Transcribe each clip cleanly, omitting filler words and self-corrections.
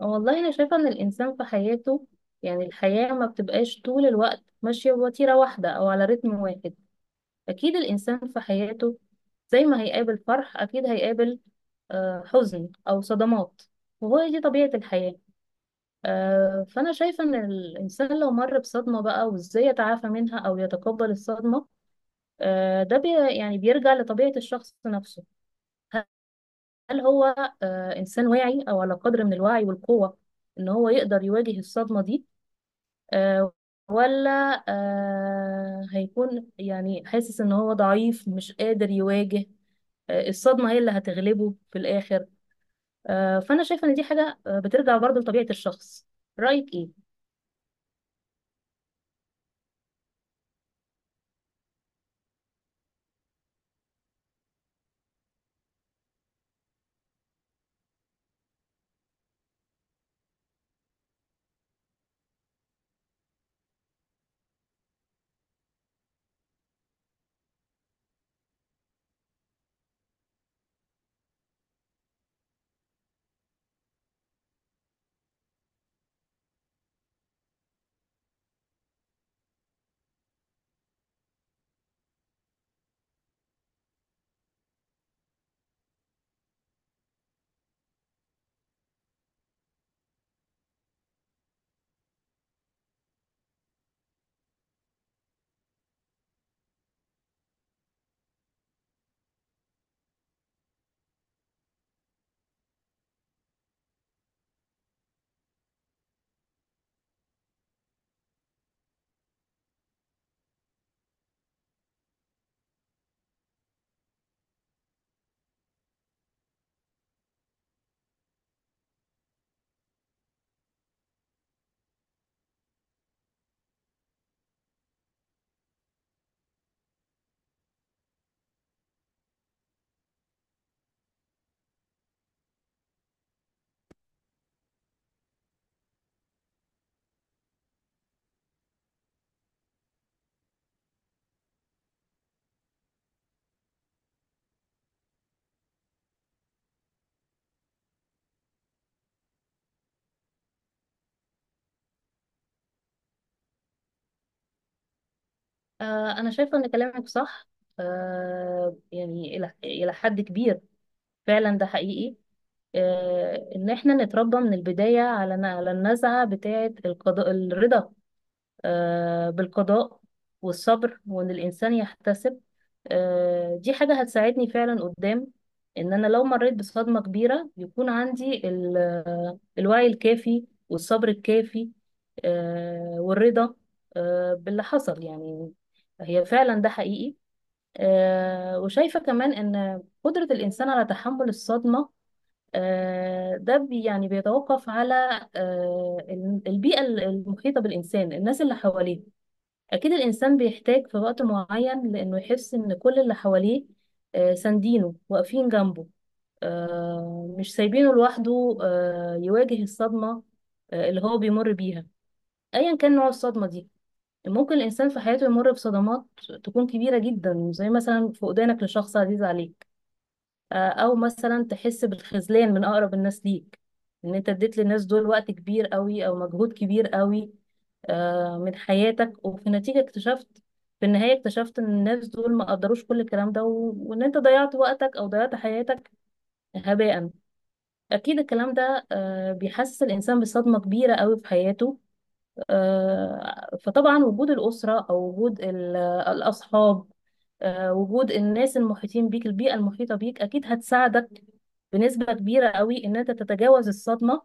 والله أنا شايفة إن الإنسان في حياته، يعني الحياة ما بتبقاش طول الوقت ماشية بوتيرة واحدة أو على رتم واحد. أكيد الإنسان في حياته، زي ما هيقابل فرح أكيد هيقابل حزن أو صدمات، وهو دي طبيعة الحياة. فأنا شايفة إن الإنسان لو مر بصدمة بقى، وإزاي يتعافى منها أو يتقبل الصدمة، ده يعني بيرجع لطبيعة الشخص نفسه. هل هو إنسان واعي أو على قدر من الوعي والقوة، إن هو يقدر يواجه الصدمة دي، آه، ولا هيكون يعني حاسس ان هو ضعيف مش قادر يواجه الصدمة هي اللي هتغلبه في الآخر. فأنا شايفة ان دي حاجة بترجع برضو لطبيعة الشخص. رأيك ايه؟ أنا شايفة ان كلامك صح. يعني إلى حد كبير فعلا ده حقيقي. ان احنا نتربى من البداية على النزعة بتاعة القضاء الرضا، بالقضاء والصبر، وان الانسان يحتسب. دي حاجة هتساعدني فعلا قدام، ان انا لو مريت بصدمة كبيرة يكون عندي الوعي الكافي والصبر الكافي، والرضا باللي حصل يعني. هي فعلا ده حقيقي. وشايفة كمان ان قدرة الانسان على تحمل الصدمة، ده يعني بيتوقف على آه، البيئة المحيطة بالإنسان، الناس اللي حواليه. أكيد الإنسان بيحتاج في وقت معين لأنه يحس إن كل اللي حواليه ساندينه، واقفين جنبه، مش سايبينه لوحده يواجه الصدمة اللي هو بيمر بيها، أيا كان نوع الصدمة دي. ممكن الإنسان في حياته يمر بصدمات تكون كبيرة جدا، زي مثلا فقدانك لشخص عزيز عليك، او مثلا تحس بالخذلان من اقرب الناس ليك، ان انت اديت للناس دول وقت كبير قوي او مجهود كبير قوي من حياتك. وفي النتيجة اكتشفت، في النهاية اكتشفت ان الناس دول ما قدروش كل الكلام ده، وان انت ضيعت وقتك او ضيعت حياتك هباء. اكيد الكلام ده بيحسس الانسان بصدمة كبيرة قوي في حياته. فطبعا وجود الاسرة او وجود الاصحاب، وجود الناس المحيطين بيك، البيئة المحيطة بيك أكيد هتساعدك بنسبة كبيرة قوي إن أنت تتجاوز الصدمة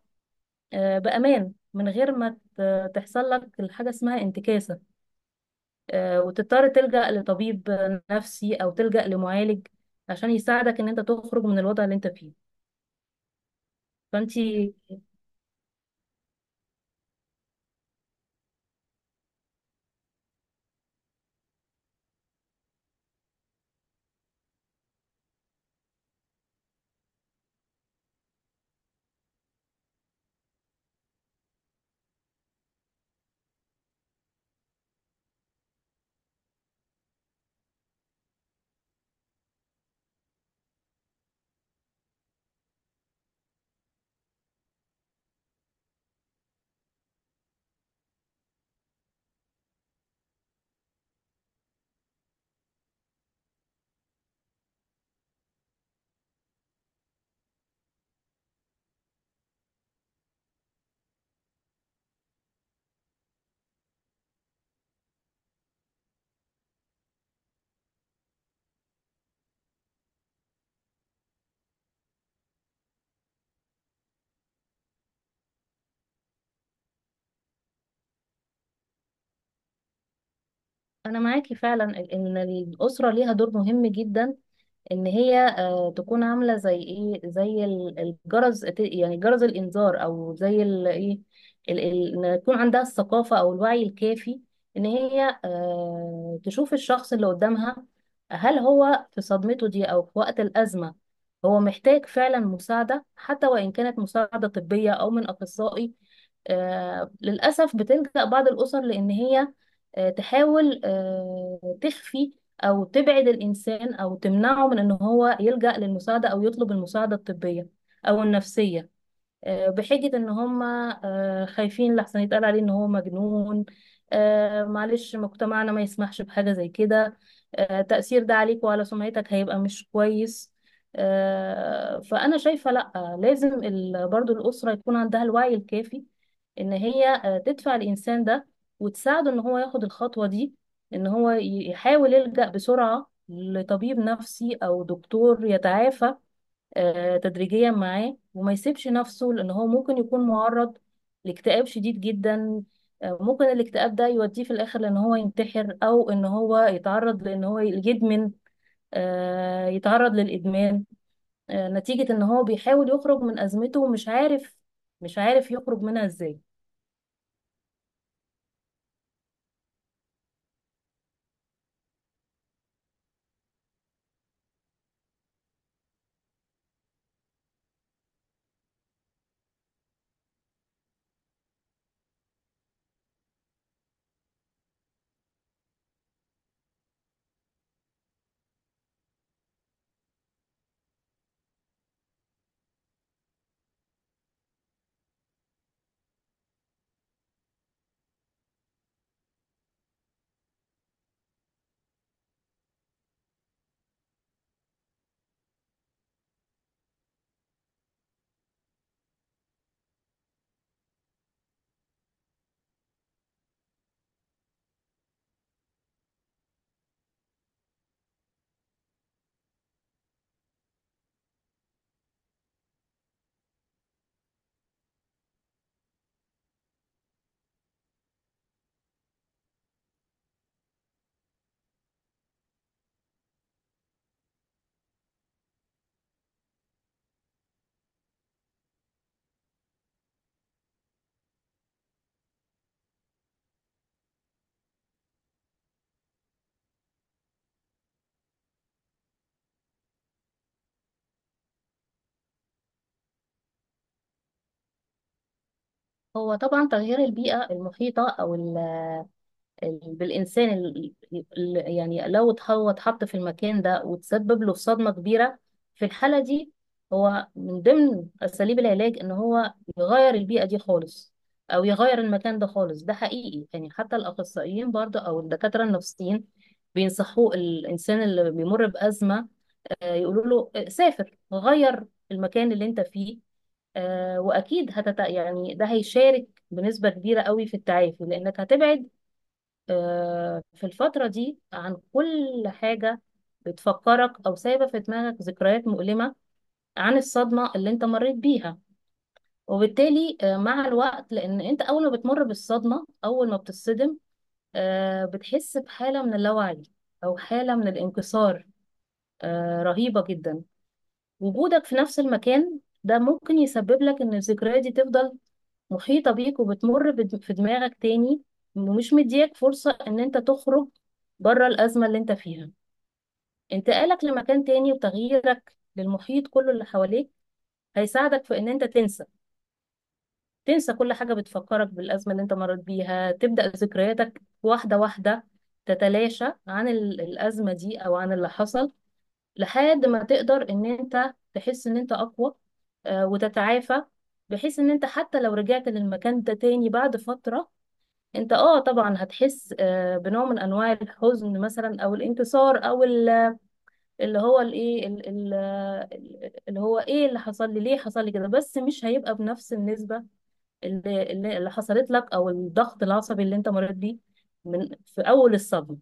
بأمان، من غير ما تحصل لك الحاجة اسمها انتكاسة، وتضطر تلجأ لطبيب نفسي أو تلجأ لمعالج عشان يساعدك إن أنت تخرج من الوضع اللي أنت فيه. فأنت أنا معاكي فعلا إن الأسرة ليها دور مهم جدا، ان هي تكون عامله زي ايه، زي الجرس، يعني جرس الانذار، او زي ان يكون عندها الثقافه او الوعي الكافي، ان هي تشوف الشخص اللي قدامها. هل هو في صدمته دي، او في وقت الازمه هو محتاج فعلا مساعده، حتى وان كانت مساعده طبيه او من اخصائي. للاسف بتلجأ بعض الاسر لان هي تحاول تخفي او تبعد الانسان، او تمنعه من ان هو يلجأ للمساعدة او يطلب المساعدة الطبية او النفسية، بحجة ان هم خايفين لحسن يتقال عليه ان هو مجنون. معلش، مجتمعنا ما يسمحش بحاجة زي كده، تأثير ده عليك وعلى سمعتك هيبقى مش كويس. فأنا شايفة لأ، لازم برضو الأسرة يكون عندها الوعي الكافي، ان هي تدفع الإنسان ده وتساعده ان هو ياخد الخطوة دي، ان هو يحاول يلجأ بسرعة لطبيب نفسي أو دكتور يتعافى تدريجيا معاه، وما يسيبش نفسه لان هو ممكن يكون معرض لاكتئاب شديد جدا. ممكن الاكتئاب ده يوديه في الاخر لان هو ينتحر، او ان هو يتعرض لان هو يدمن يتعرض للادمان نتيجة ان هو بيحاول يخرج من ازمته ومش عارف، مش عارف يخرج منها ازاي. هو طبعا تغيير البيئة المحيطة او ال- بالإنسان ال- يعني لو هو اتحط في المكان ده وتسبب له صدمة كبيرة، في الحالة دي هو من ضمن أساليب العلاج إن هو يغير البيئة دي خالص، أو يغير المكان ده خالص. ده حقيقي يعني، حتى الأخصائيين برضه أو الدكاترة النفسيين بينصحوا الإنسان اللي بيمر بأزمة، يقولوا له سافر، غير المكان اللي أنت فيه. وأكيد يعني ده هيشارك بنسبة كبيرة قوي في التعافي، لأنك هتبعد في الفترة دي عن كل حاجة بتفكرك، أو سايبة في دماغك ذكريات مؤلمة عن الصدمة اللي أنت مريت بيها. وبالتالي مع الوقت، لأن أنت أول ما بتمر بالصدمة، أول ما بتصدم بتحس بحالة من اللاوعي، أو حالة من الانكسار رهيبة جدا. وجودك في نفس المكان ده ممكن يسبب لك إن الذكريات دي تفضل محيطة بيك، وبتمر في دماغك تاني، ومش مدياك فرصة ان انت تخرج بره الأزمة اللي انت فيها. انتقالك لمكان تاني وتغييرك للمحيط كله اللي حواليك هيساعدك في ان انت تنسى، كل حاجة بتفكرك بالأزمة اللي انت مريت بيها. تبدأ ذكرياتك واحدة واحدة تتلاشى عن الأزمة دي أو عن اللي حصل، لحد ما تقدر ان انت تحس ان انت أقوى وتتعافى. بحيث ان انت حتى لو رجعت للمكان ده تاني بعد فترة، انت طبعا هتحس بنوع من انواع الحزن مثلا، او الانكسار، او ال- اللي هو الايه ال- ال- اللي هو ايه اللي حصل لي، ليه حصل لي كده. بس مش هيبقى بنفس النسبة اللي حصلت لك، او الضغط العصبي اللي انت مريت بيه من في اول الصدمة.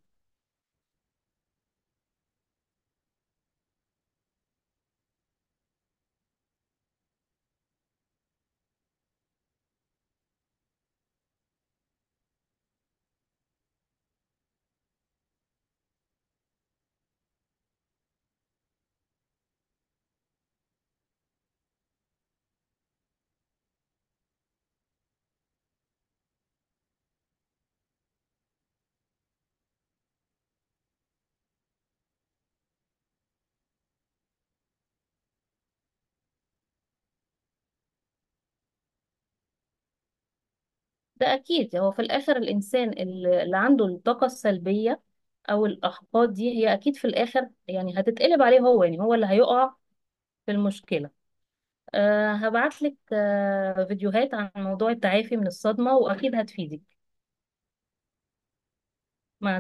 ده اكيد هو في الاخر الانسان اللي عنده الطاقة السلبية او الاحباط، دي هي اكيد في الاخر يعني هتتقلب عليه هو، يعني هو اللي هيقع في المشكلة. هبعتلك فيديوهات عن موضوع التعافي من الصدمة، وأكيد هتفيدك. مع